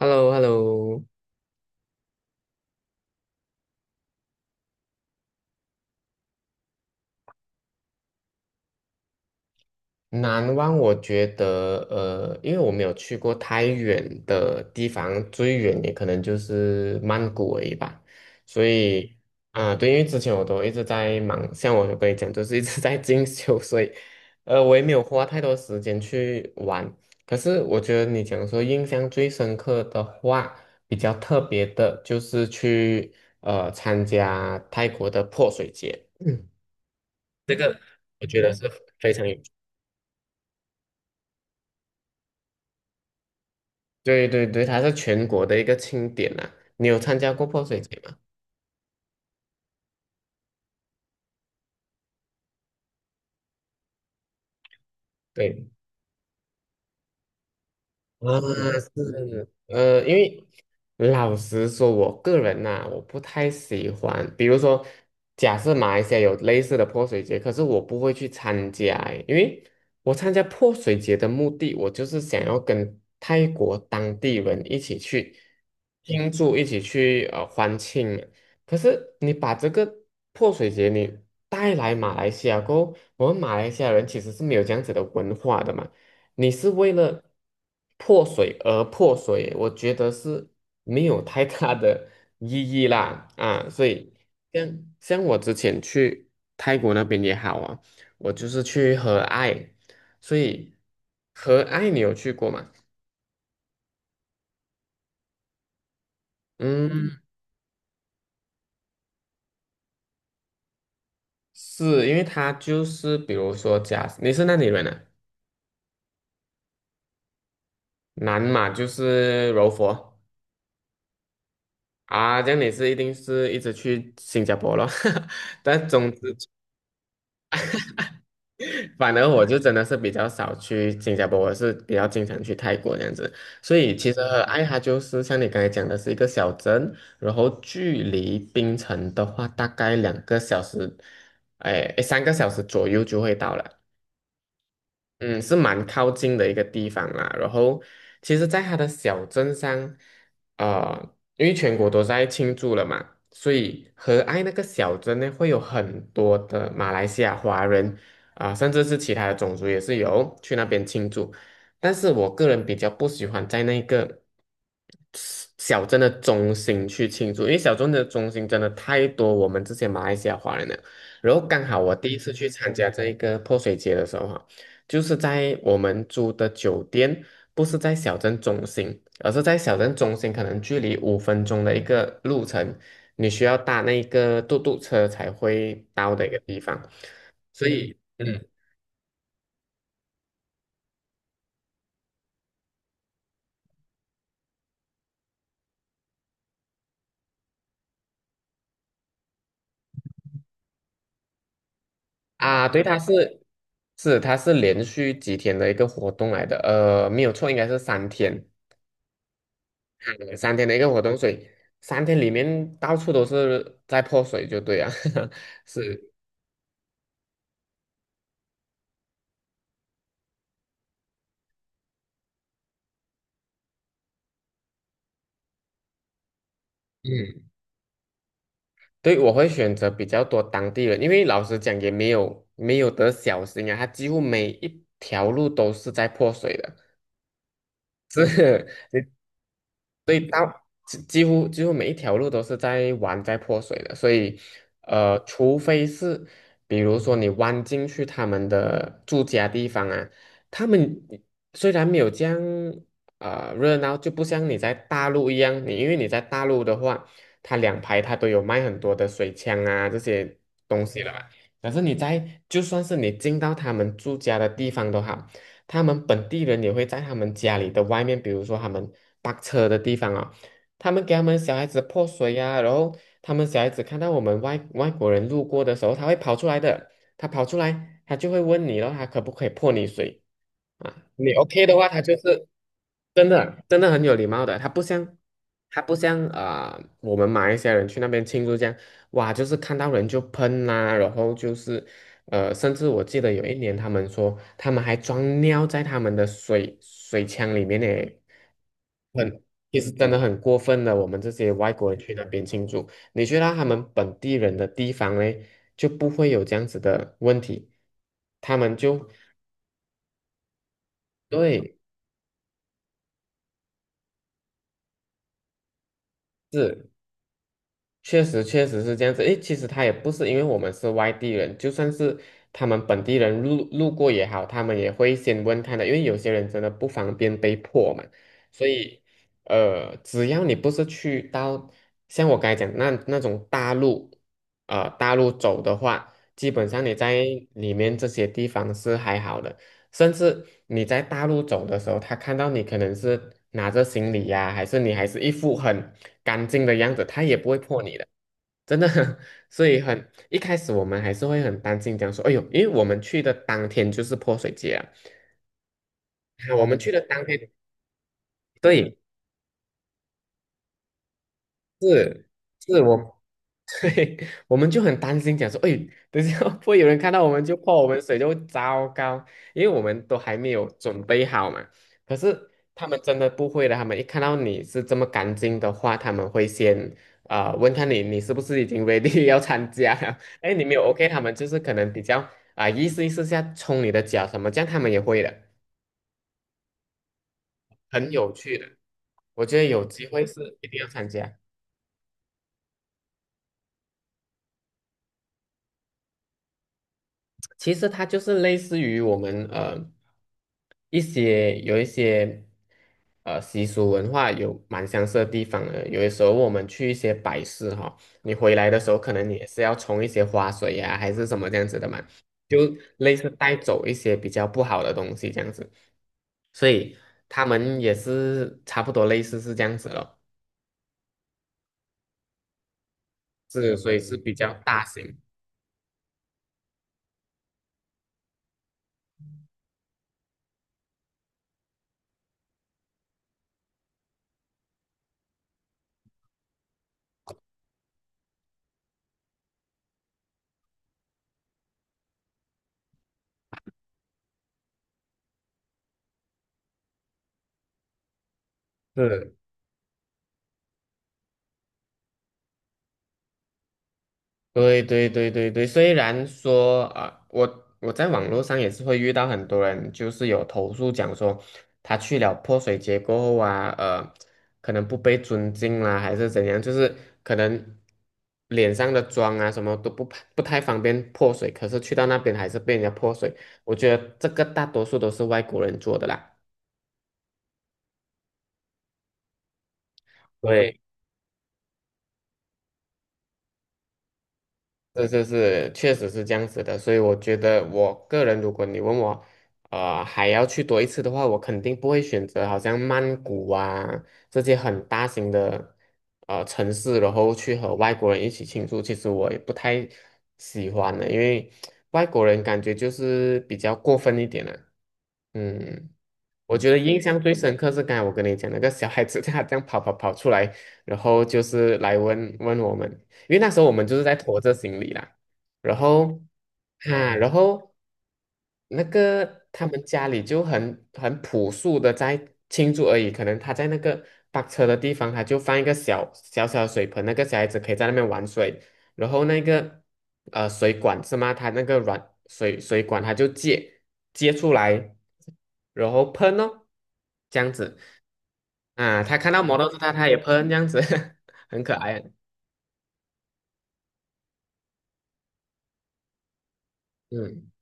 h e l l o h e l l o。 南湾我觉得，因为我没有去过太远的地方，最远也可能就是曼谷而已吧。所以，啊、对，因为之前我都一直在忙，像我有跟你讲，就是一直 在进修，所以，我也没有花太多时间去玩。可是我觉得你讲说印象最深刻的话，比较特别的就是去参加泰国的泼水节，我觉得是非常有。对对对，它是全国的一个庆典呐、你有参加过泼水节吗？对，啊，是，因为老实说，我个人呐、我不太喜欢。比如说，假设马来西亚有类似的泼水节，可是我不会去参加欸因为我参加泼水节的目的，我就是想要跟泰国当地人一起去庆祝，一起去欢庆嘛。可是你把这个泼水节你带来马来西亚过后，我们马来西亚人其实是没有这样子的文化的嘛。你是为了破水而破水，我觉得是没有太大的意义啦啊，所以像我之前去泰国那边也好啊，我就是去和爱，所以和爱你有去过吗？嗯，是因为他就是比如说假，你是哪里人啊？南嘛就是柔佛啊，这样你是一定是一直去新加坡咯，但总之。反而我就真的是比较少去新加坡，我是比较经常去泰国这样子。所以其实爱哈就是像你刚才讲的是一个小镇，然后距离槟城的话大概2个小时，哎，诶3个小时左右就会到了。嗯，是蛮靠近的一个地方啦。然后，其实，在它的小镇上，啊，因为全国都在庆祝了嘛，所以和爱那个小镇呢，会有很多的马来西亚华人啊、甚至是其他的种族也是有去那边庆祝。但是我个人比较不喜欢在那个小镇的中心去庆祝，因为小镇的中心真的太多我们这些马来西亚华人了。然后刚好我第一次去参加这一个泼水节的时候哈就是在我们住的酒店，不是在小镇中心，而是在小镇中心，可能距离5分钟的一个路程，你需要搭那个嘟嘟车才会到的一个地方。所以，嗯，啊，对，它是连续几天的一个活动来的，没有错，应该是三天，嗯三天的一个活动，所以三天里面到处都是在泼水，就对啊，是，嗯。对，我会选择比较多当地人，因为老实讲也没有得小心啊，它几乎每一条路都是在破水的。所以到几乎每一条路都是在玩在泼水的，所以除非是比如说你弯进去他们的住家地方啊，他们虽然没有这样热闹，就不像你在大陆一样，你因为你在大陆的话，它两排它都有卖很多的水枪啊这些东西了嘛，可是你在就算是你进到他们住家的地方都好。他们本地人也会在他们家里的外面，比如说他们泊车的地方啊，他们给他们小孩子泼水呀、然后他们小孩子看到我们外国人路过的时候，他会跑出来的，他跑出来，他就会问你了，他可不可以泼你水啊？你 OK 的话，他就是真的真的很有礼貌的，他不像。他不像啊、我们马来西亚人去那边庆祝这样，哇，就是看到人就喷啦、然后就是甚至我记得有一年，他们说他们还装尿在他们的水枪里面呢，很，其实真的很过分的。我们这些外国人去那边庆祝，你去到他们本地人的地方嘞，就不会有这样子的问题，他们就对确实，确实是这样子。诶，其实他也不是因为我们是外地人，就算是他们本地人路过也好，他们也会先问他的，因为有些人真的不方便被迫嘛。所以，只要你不是去到像我刚才讲那种大陆，大陆走的话，基本上你在里面这些地方是还好的。甚至你在大陆走的时候，他看到你可能是拿着行李呀、还是你还是一副很干净的样子，他也不会破你的，真的。所以很一开始我们还是会很担心，讲说，哎呦，因为我们去的当天就是泼水节啊，啊我们去的当天，对，是是我对，我们就很担心，讲说，哎，等一下会不会有人看到我们就泼我们水，就糟糕，因为我们都还没有准备好嘛。可是他们真的不会的，他们一看到你是这么干净的话，他们会先啊问看你，你是不是已经 ready 要参加了？哎，你没有 OK，他们就是可能比较啊、意思意思下冲你的脚什么，这样他们也会的，很有趣的，我觉得有机会是一定要参加。其实它就是类似于我们一些有一些习俗文化有蛮相似的地方的。有的时候我们去一些摆饰哈，你回来的时候可能你也是要冲一些花水呀、还是什么这样子的嘛，就类似带走一些比较不好的东西这样子。所以他们也是差不多类似是这样子咯，是所以是比较大型，是对对对对对，虽然说啊、我我在网络上也是会遇到很多人，就是有投诉讲说，他去了泼水节过后啊，可能不被尊敬啦，还是怎样，就是可能脸上的妆啊什么都不太方便泼水，可是去到那边还是被人家泼水，我觉得这个大多数都是外国人做的啦。对。是是是，确实是这样子的，所以我觉得我个人，如果你问我，还要去多一次的话，我肯定不会选择好像曼谷啊这些很大型的城市，然后去和外国人一起庆祝。其实我也不太喜欢的，因为外国人感觉就是比较过分一点了、嗯。我觉得印象最深刻是刚才我跟你讲那个小孩子，他这样跑出来，然后就是来问问我们，因为那时候我们就是在拖着行李啦，然后啊，然后那个他们家里就很朴素的在庆祝而已，可能他在那个搭车的地方，他就放一个小小的水盆，那个小孩子可以在那边玩水，然后那个水管是吗？他那个软水管他就接出来。然后喷哦，这样子啊，他看到摩托 d 他也喷这样子，很可爱。嗯，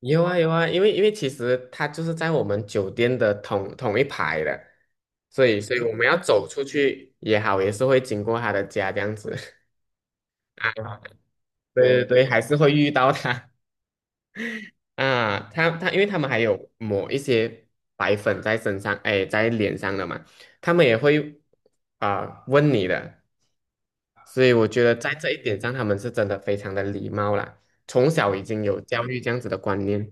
有啊有啊，因为其实他就是在我们酒店的同一排的，所以我们要走出去也好，也是会经过他的家这样子 啊，对对对，还是会遇到他啊，他因为他们还有抹一些白粉在身上，哎，在脸上的嘛，他们也会啊、问你的，所以我觉得在这一点上，他们是真的非常的礼貌啦，从小已经有教育这样子的观念。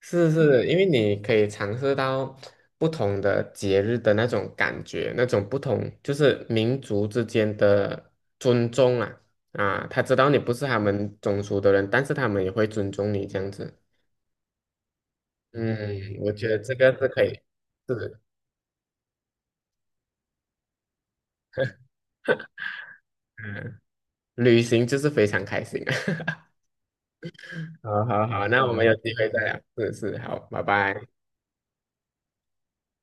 是是，因为你可以尝试到不同的节日的那种感觉，那种不同就是民族之间的尊重啊啊，他知道你不是他们种族的人，但是他们也会尊重你这样子。嗯，我觉得这个是可以，是，嗯，旅行就是非常开心啊。好好好，那我们有机会再聊，是是，好，拜拜。